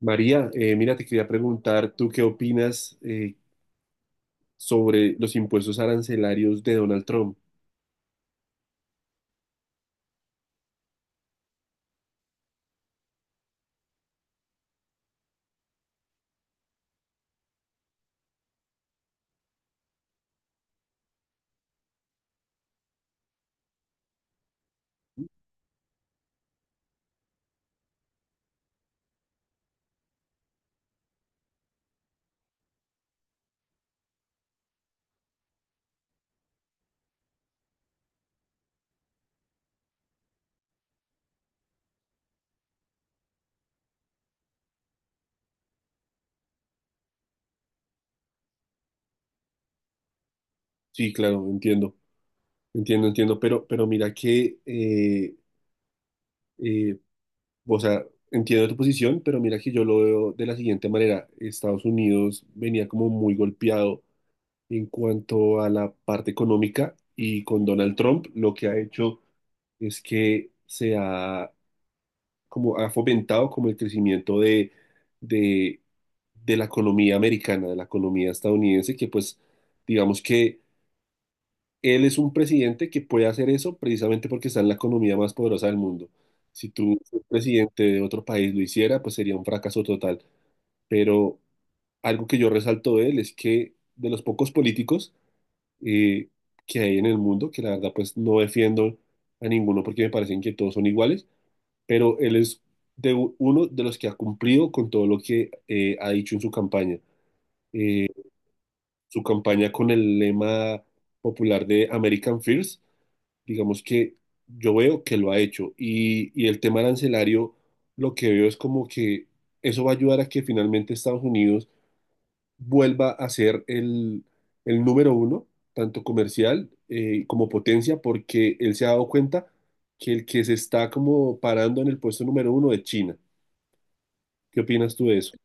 María, mira, te quería preguntar, ¿tú qué opinas sobre los impuestos arancelarios de Donald Trump? Sí, claro, entiendo, entiendo, entiendo, pero mira que, eh, o sea, entiendo tu posición, pero mira que yo lo veo de la siguiente manera. Estados Unidos venía como muy golpeado en cuanto a la parte económica, y con Donald Trump lo que ha hecho es que se ha, como ha fomentado como el crecimiento de, de la economía americana, de la economía estadounidense, que pues digamos que él es un presidente que puede hacer eso precisamente porque está en la economía más poderosa del mundo. Si tú, un presidente de otro país, lo hiciera, pues sería un fracaso total. Pero algo que yo resalto de él es que, de los pocos políticos eh, que hay en el mundo, que la verdad pues no defiendo a ninguno porque me parecen que todos son iguales, pero él es de uno de los que ha cumplido con todo lo que ha dicho en su campaña. Su campaña con el lema popular de American First, digamos que yo veo que lo ha hecho. Y el tema arancelario, lo que veo es como que eso va a ayudar a que finalmente Estados Unidos vuelva a ser el número uno, tanto comercial como potencia, porque él se ha dado cuenta que el que se está como parando en el puesto número uno es China. ¿Qué opinas tú de eso?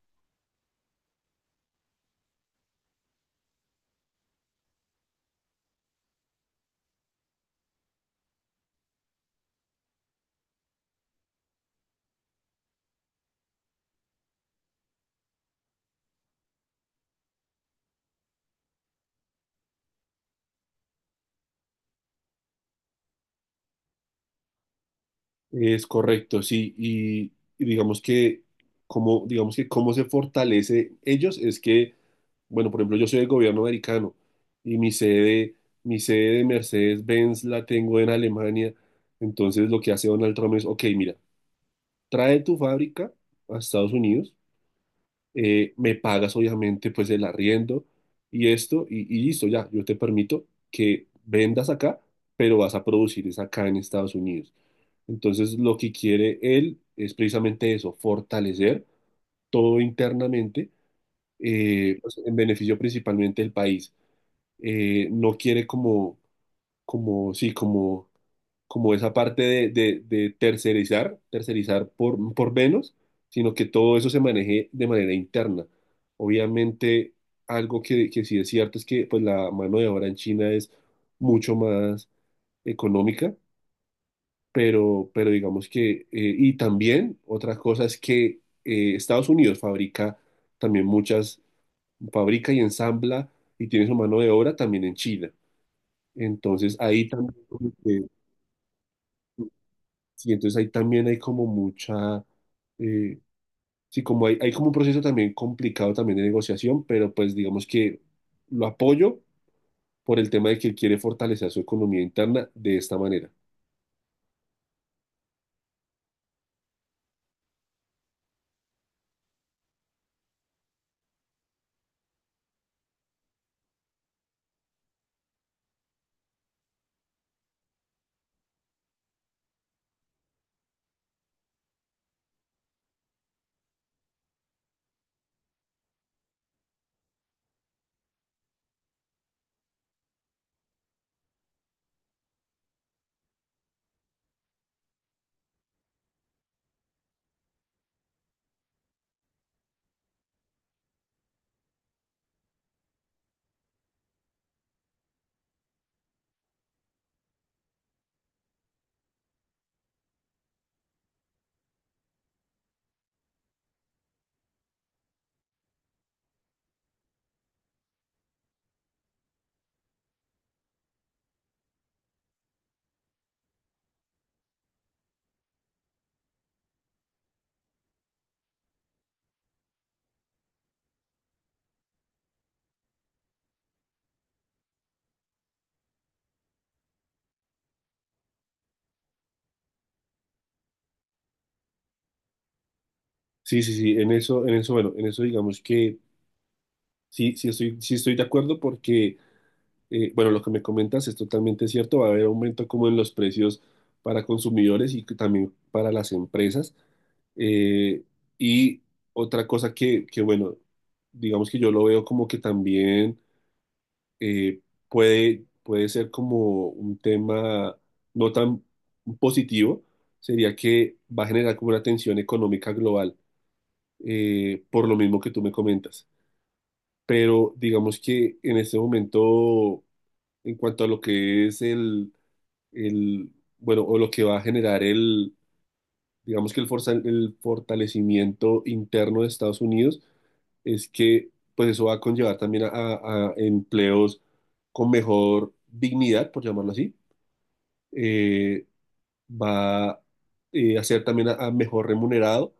Es correcto, sí, y digamos que, cómo se fortalece ellos es que, bueno, por ejemplo, yo soy del gobierno americano y mi sede de Mercedes-Benz la tengo en Alemania, entonces lo que hace Donald Trump es, ok, mira, trae tu fábrica a Estados Unidos, me pagas obviamente pues el arriendo y esto, y listo, ya, yo te permito que vendas acá, pero vas a producir es acá en Estados Unidos. Entonces, lo que quiere él es precisamente eso, fortalecer todo internamente, pues, en beneficio principalmente del país. No quiere como, como, sí, como, como esa parte de tercerizar, tercerizar por menos, sino que todo eso se maneje de manera interna. Obviamente, algo que sí es cierto es que, pues, la mano de obra en China es mucho más económica, pero digamos que, y también otra cosa es que, Estados Unidos también muchas, fabrica y ensambla y tiene su mano de obra también en China. Entonces ahí también, sí, entonces ahí también hay como mucha, eh, sí, como hay como un proceso también complicado también de negociación, pero pues digamos que lo apoyo por el tema de que él quiere fortalecer su economía interna de esta manera. Sí, sí, sí, en eso, bueno, en eso digamos que sí, sí estoy de acuerdo porque, bueno, lo que me comentas es totalmente cierto, va a haber aumento como en los precios para consumidores y que también para las empresas. Eh, y otra cosa bueno, digamos que yo lo veo como que también, eh, puede ser como un tema no tan positivo, sería que va a generar como una tensión económica global, por lo mismo que tú me comentas, pero digamos que en este momento, en cuanto a lo que es el, bueno, o lo que va a generar el, digamos que el fortalecimiento interno de Estados Unidos, es que pues eso va a conllevar también a empleos con mejor dignidad, por llamarlo así. Eh, va, a ser también a mejor remunerado,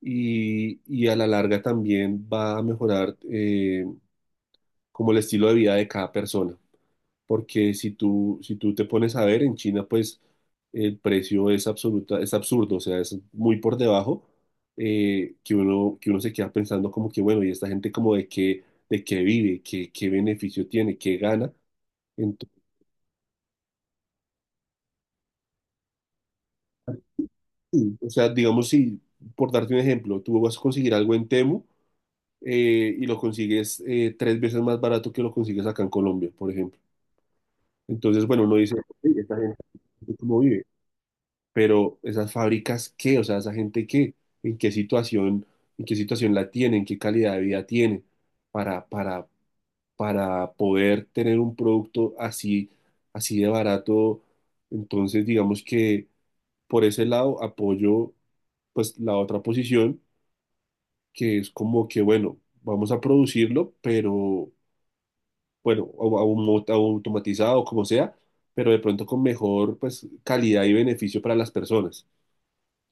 y a la larga también va a mejorar, como el estilo de vida de cada persona. Porque si tú te pones a ver, en China pues el precio es es absurdo, o sea, es muy por debajo, que uno se queda pensando como que, bueno, y esta gente como de qué, vive, qué beneficio tiene, qué gana. Entonces, sí, o sea, digamos, si por darte un ejemplo, tú vas a conseguir algo en Temu, y lo consigues tres veces más barato que lo consigues acá en Colombia, por ejemplo. Entonces, bueno, uno dice, "Ey, esta gente, ¿cómo vive? Pero esas fábricas, ¿qué? O sea, esa gente, ¿qué? ¿En qué situación, en qué situación la tiene? ¿En qué calidad de vida tiene, para, poder tener un producto así, así de barato?" Entonces, digamos que por ese lado apoyo, pues, la otra posición, que es como que, bueno, vamos a producirlo, pero, bueno, automatizado, como sea, pero de pronto con mejor, pues, calidad y beneficio para las personas.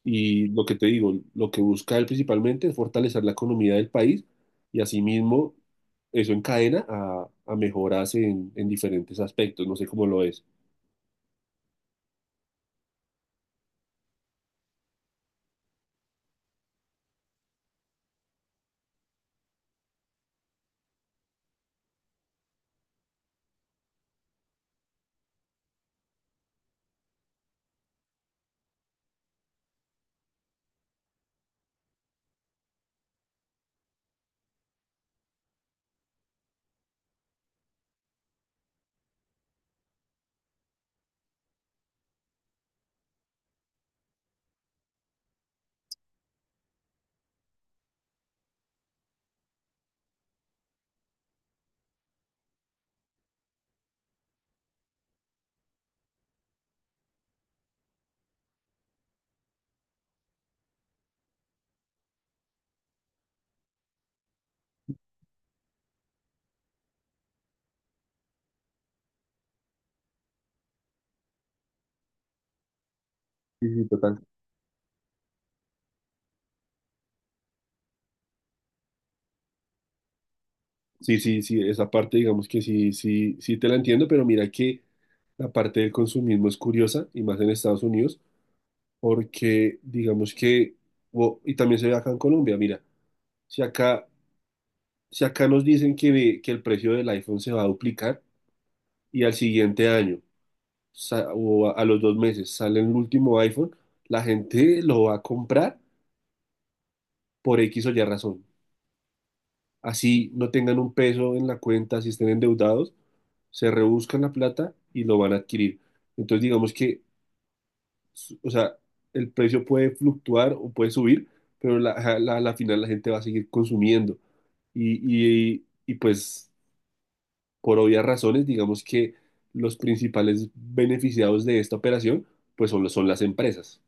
Y lo que te digo, lo que busca él principalmente es fortalecer la economía del país, y asimismo eso encadena a mejoras en diferentes aspectos, no sé cómo lo es. Sí, sí, total. Sí, sí, sí, esa parte digamos que sí, sí, sí te la entiendo, pero mira que la parte del consumismo es curiosa, y más en Estados Unidos, porque digamos que, y también se ve acá en Colombia. Mira, si acá, si acá nos dicen que el precio del iPhone se va a duplicar y al siguiente año. O a los 2 meses sale el último iPhone, la gente lo va a comprar por X o Y razón. Así no tengan un peso en la cuenta, si estén endeudados, se rebuscan la plata y lo van a adquirir. Entonces digamos que, o sea, el precio puede fluctuar o puede subir, pero a la final la gente va a seguir consumiendo. Y pues, por obvias razones, digamos que los principales beneficiados de esta operación, pues son las empresas.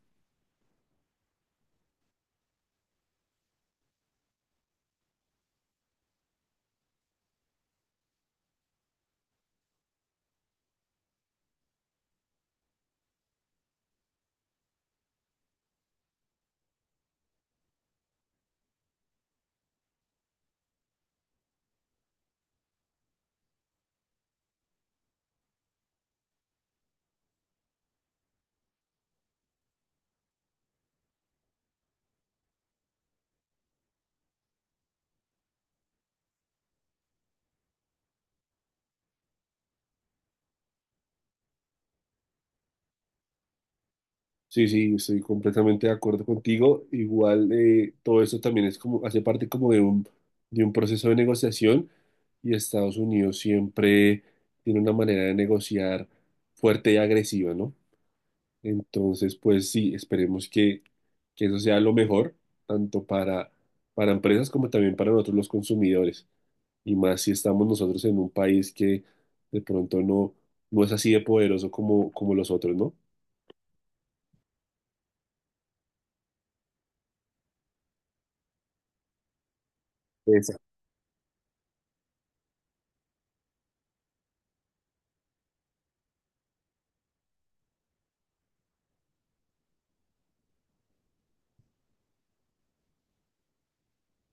Sí, sí, estoy completamente de acuerdo contigo. Igual, todo eso también es, como, hace parte como de un proceso de negociación, y Estados Unidos siempre tiene una manera de negociar fuerte y agresiva, ¿no? Entonces, pues sí, esperemos que eso sea lo mejor, tanto para empresas como también para nosotros los consumidores. Y más si estamos nosotros en un país que de pronto no es así de poderoso, como los otros, ¿no?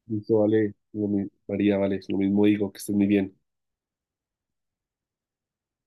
Listo, vale, María, vale, lo mismo digo, que estés muy bien.